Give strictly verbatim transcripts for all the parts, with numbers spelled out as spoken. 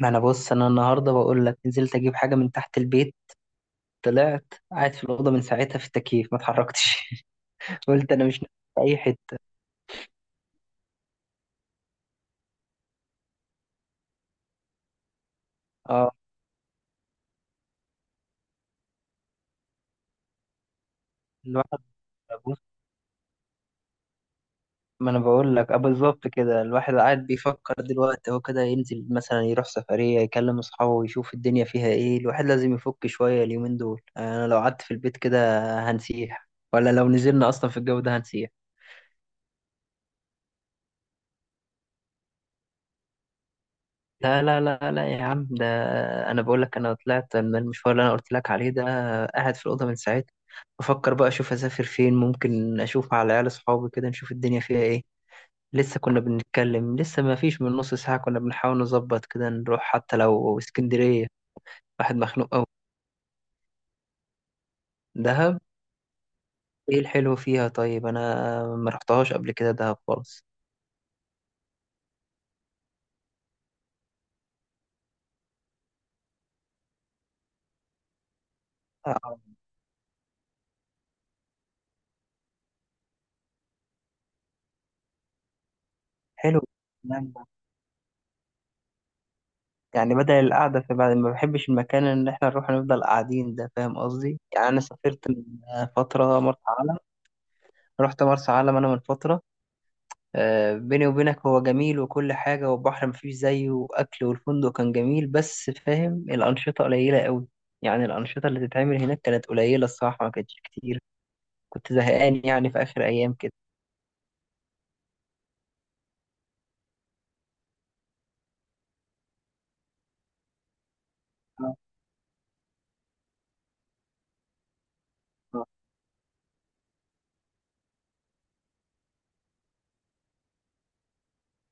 ما انا بص، انا النهارده بقول لك نزلت اجيب حاجه من تحت البيت. طلعت قاعد في الاوضه من ساعتها في التكييف ما اتحركتش قلت انا مش نازل في اي حته. اه الواحد بص، ما انا بقول لك اه بالظبط كده. الواحد قاعد بيفكر دلوقتي هو كده ينزل مثلا، يروح سفريه، يكلم اصحابه، يشوف الدنيا فيها ايه. الواحد لازم يفك شويه اليومين دول. انا لو قعدت في البيت كده هنسيح، ولا لو نزلنا اصلا في الجو ده هنسيح. لا لا لا لا يا عم ده انا بقول لك، انا طلعت من المشوار اللي انا قلت لك عليه ده، قاعد في الاوضه من ساعتها. بفكر بقى اشوف اسافر فين، ممكن اشوف على العيال اصحابي كده، نشوف الدنيا فيها ايه. لسه كنا بنتكلم، لسه ما فيش من نص ساعه كنا بنحاول نظبط كده نروح حتى لو اسكندريه. واحد مخنوق قوي. دهب ايه الحلو فيها؟ طيب انا ما رحتهاش قبل كده دهب خالص. آه، حلو. يعني بدل القعدة في بعد ما بحبش المكان، إن إحنا نروح نفضل قاعدين ده، فاهم قصدي؟ يعني أنا سافرت من فترة مرسى علم، رحت مرسى علم أنا من فترة. آه، بيني وبينك هو جميل وكل حاجة، والبحر مفيش زيه، وأكل والفندق كان جميل، بس فاهم الأنشطة قليلة قوي. يعني الأنشطة اللي تتعمل هناك كانت قليلة الصراحة، ما كانتش كتير. كنت زهقان يعني في آخر أيام كده. آه. آه.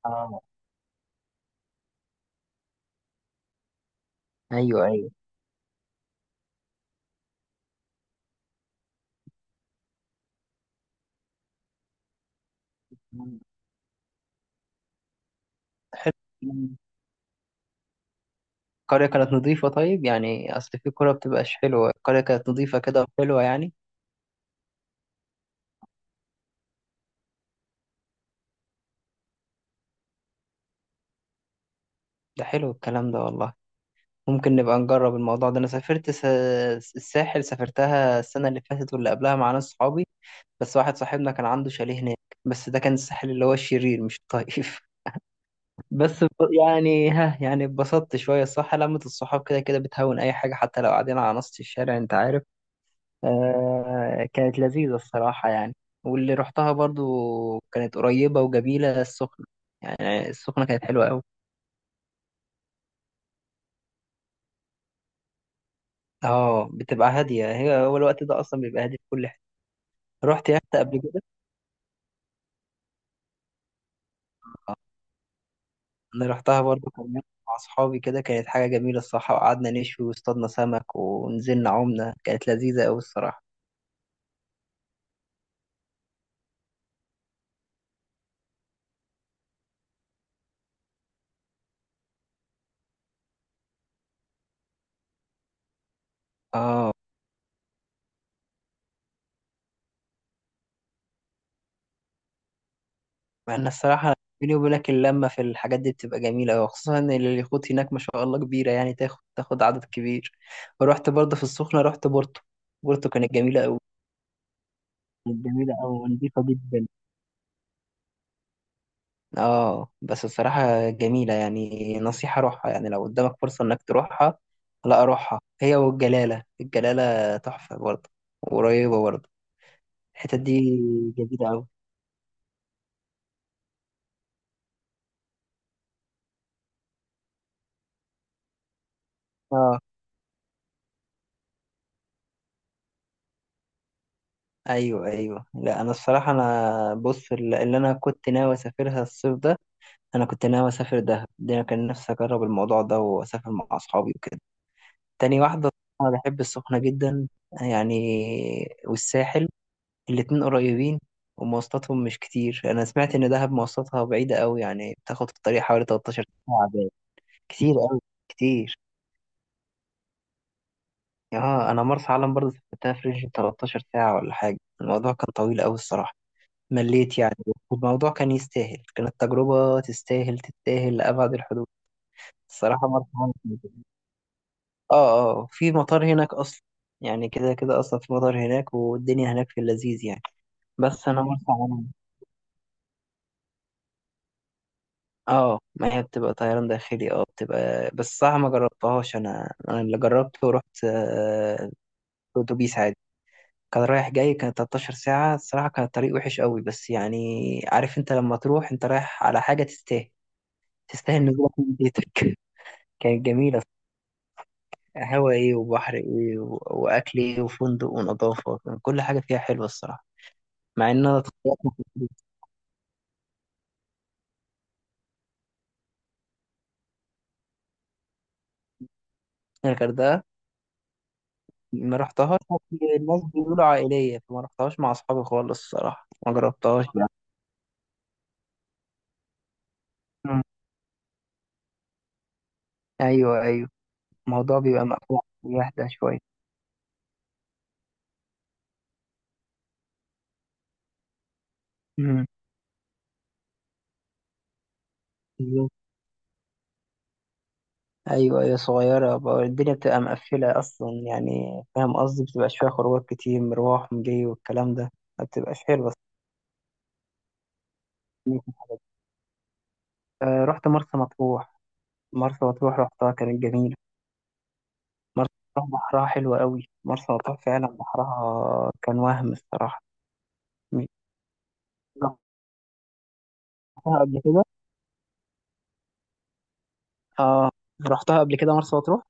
آه. أيوه أيوه. حلو. القرية كانت نظيفة؟ طيب يعني أصل في كرة بتبقاش حلوة، القرية كانت نظيفة كده وحلوة يعني. ده حلو الكلام ده والله. ممكن نبقى نجرب الموضوع ده. أنا سافرت س... الساحل سافرتها السنة اللي فاتت واللي قبلها مع ناس صحابي، بس واحد صاحبنا كان عنده شاليه هناك. بس ده كان الساحل اللي هو الشرير مش الطيف. بس ب- يعني ها، يعني اتبسطت شوية. الصح لمة الصحاب كده كده بتهون أي حاجة، حتى لو قاعدين على نص الشارع أنت عارف. آه كانت لذيذة الصراحة يعني. واللي رحتها برضو كانت قريبة وجميلة، السخنة. يعني السخنة كانت حلوة أوي. اه بتبقى هادية هي هو الوقت ده أصلا بيبقى هادي في كل حتة. رحت يخت قبل كده؟ أنا رحتها برضو كان يخت مع أصحابي كده، كانت حاجة جميلة الصراحة، وقعدنا نشوي واصطادنا سمك ونزلنا عمنا، كانت لذيذة أوي الصراحة. اه. مع ان الصراحه، بيني وبينك، اللمه في الحاجات دي بتبقى جميله قوي، خصوصا ان اليخوت هناك ما شاء الله كبيره، يعني تاخد تاخد عدد كبير. ورحت برضه في السخنه، رحت بورتو. بورتو كانت جميله قوي. كانت جميله قوي ونضيفه جدا. اه بس الصراحه جميله، يعني نصيحه روحها، يعني لو قدامك فرصه انك تروحها. لا روحها، هي والجلاله، الجلاله تحفه برضه، وقريبه برضه. الحتت دي جميله قوي. اه. ايوه ايوه. لا انا الصراحه انا بص، اللي اللي انا كنت ناوي اسافرها الصيف ده، انا كنت ناوي اسافر دهب. ده أنا كان نفسي اجرب الموضوع ده واسافر مع اصحابي وكده. تاني واحده، انا بحب السخنه جدا يعني، والساحل، الاتنين قريبين ومواصلاتهم مش كتير. انا سمعت ان دهب مواصلاتها بعيده قوي، يعني بتاخد في الطريق حوالي تلتاشر ساعه باين. كتير قوي، كتير. اه انا مرسى علم برضه سافرتها في رينج تلتاشر ساعه ولا حاجه، الموضوع كان طويل قوي الصراحه، مليت يعني. الموضوع كان يستاهل، كانت تجربه تستاهل تستاهل لابعد الحدود. الصراحه مرسى علم، اه اه في مطار هناك اصلا. يعني كده كده اصلا في مطار هناك والدنيا هناك في اللذيذ يعني. بس انا مرسى علم، اه ما هي بتبقى طيران داخلي، اه بتبقى بس صح، ما جربتهاش انا. انا اللي جربته رحت آه، اتوبيس عادي، كان رايح جاي كان تلتاشر ساعة الصراحة. كان الطريق وحش قوي بس يعني عارف انت، لما تروح انت رايح على حاجة تستاهل، تستاهل نزولك من بيتك. كانت جميلة. هوا ايه، وبحر ايه، و- واكل ايه، وفندق ونظافة، كان كل حاجة فيها حلوة الصراحة. مع ان انا اتخيلت الغردقه. ما رحتهاش، الناس بيقولوا عائليه، فما رحتهاش مع اصحابي خالص الصراحه، ما جربتهاش يعني. مم. ايوه ايوه. الموضوع بيبقى مقفول، يهدى شويه. مم. بالظبط. ايوه ايوه. صغيره بقى الدنيا، بتبقى مقفله اصلا يعني، فاهم قصدي، بتبقى شويه خروجات، كتير مروح ومجي والكلام ده، ما بتبقاش حلوه. الصراحة، آه، رحت مرسى مطروح. مرسى مطروح رحتها كانت جميلة. مرسى مطروح بحرها حلو قوي. مرسى مطروح فعلا بحرها كان وهم الصراحة. م- رحتها قبل كده. اه رحتها قبل كده مرسى مطروح.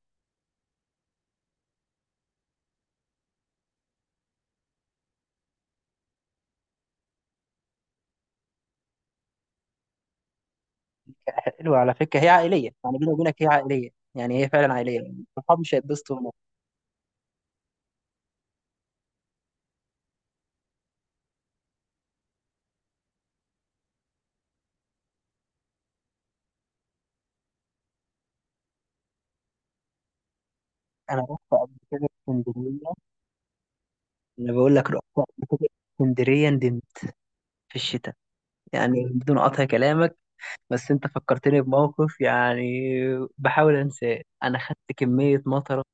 حلوة على فكرة، هي عائلية يعني، بيني وبينك هي عائلية. يعني هي فعلا عائلية، صحابي مش هيتبسطوا هناك. أنا رحت قبل كده اسكندرية. أنا بقول لك رحت قبل كده اسكندرية ندمت، في الشتاء. يعني بدون قطع كلامك، بس أنت فكرتني بموقف يعني بحاول أنساه. أنا خدت كمية مطرة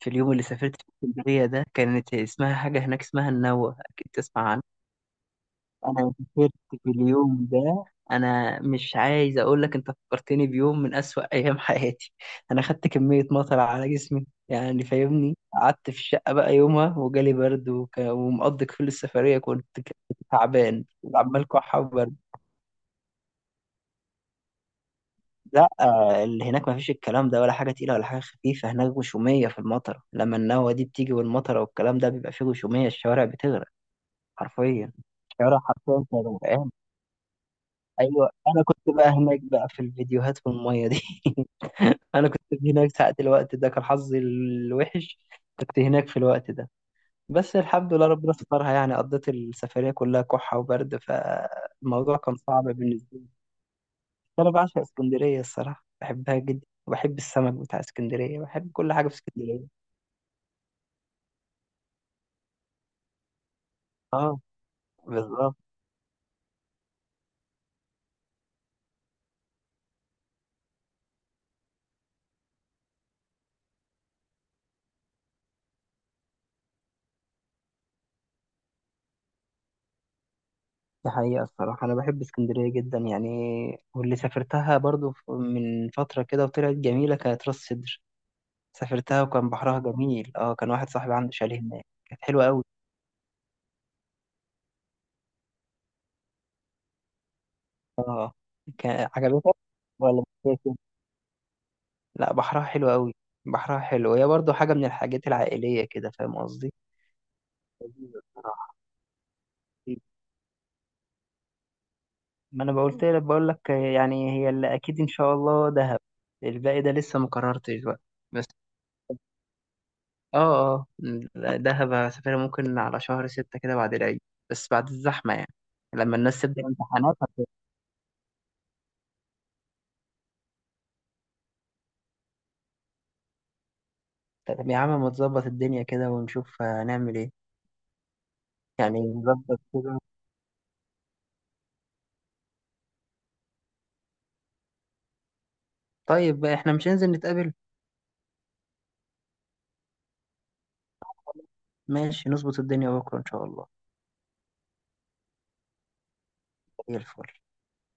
في اليوم اللي سافرت في اسكندرية ده. كانت اسمها حاجة هناك اسمها النوة، أكيد تسمع. انا فكرت في اليوم ده، انا مش عايز اقول لك انت فكرتني بيوم من اسوأ ايام حياتي. انا خدت كمية مطر على جسمي يعني فاهمني. قعدت في الشقة بقى يومها وجالي برد وك... ومقضي كل السفرية، كنت ك- تعبان وعمال كحة وبرد. لا آه، اللي هناك ما فيش الكلام ده، ولا حاجة تقيلة ولا حاجة خفيفة، هناك غشومية في المطر. لما النوة دي بتيجي والمطر والكلام ده، بيبقى فيه غشومية، الشوارع بتغرق، حرفيا. الشوارع حرفيا كانت غرقانة. ايوه انا كنت بقى هناك بقى في الفيديوهات في الميه دي. انا كنت هناك ساعة الوقت ده، كان حظي الوحش، كنت هناك في الوقت ده. بس الحمد لله ربنا سترها، يعني قضيت السفرية كلها كحة وبرد، فالموضوع كان صعب بالنسبة لي. انا بعشق اسكندرية الصراحة، بحبها جدا، وبحب السمك بتاع اسكندرية، بحب كل حاجة في اسكندرية. اه. بالظبط. دي حقيقة الصراحة أنا بحب اسكندرية جدا يعني. واللي سافرتها برضو ف- من فترة كده وطلعت جميلة، كانت راس سدر. سافرتها وكان بحرها جميل، اه كان واحد صاحبي عنده شاليه هناك، كانت حلوة قوي. اه. كان عجبتك ولا مش فاكر؟ لا بحرها حلو قوي. بحرها حلو، هي برضو حاجة من الحاجات العائلية كده، فاهم قصدي. لذيذة بصراحة. ما انا بقولت لك، بقول لك يعني هي اللي اكيد ان شاء الله دهب، الباقي ده لسه ما قررتش بقى. بس اه اه. لا، دهب هسافرها ممكن على شهر ستة كده بعد العيد، بس بعد الزحمة يعني، لما الناس تبدأ امتحانات هت- طب يا عم ما تظبط الدنيا كده ونشوف هنعمل ايه. يعني نظبط كده. طيب احنا مش هننزل نتقابل؟ ماشي نظبط الدنيا بكرة ان شاء الله. زي الفل.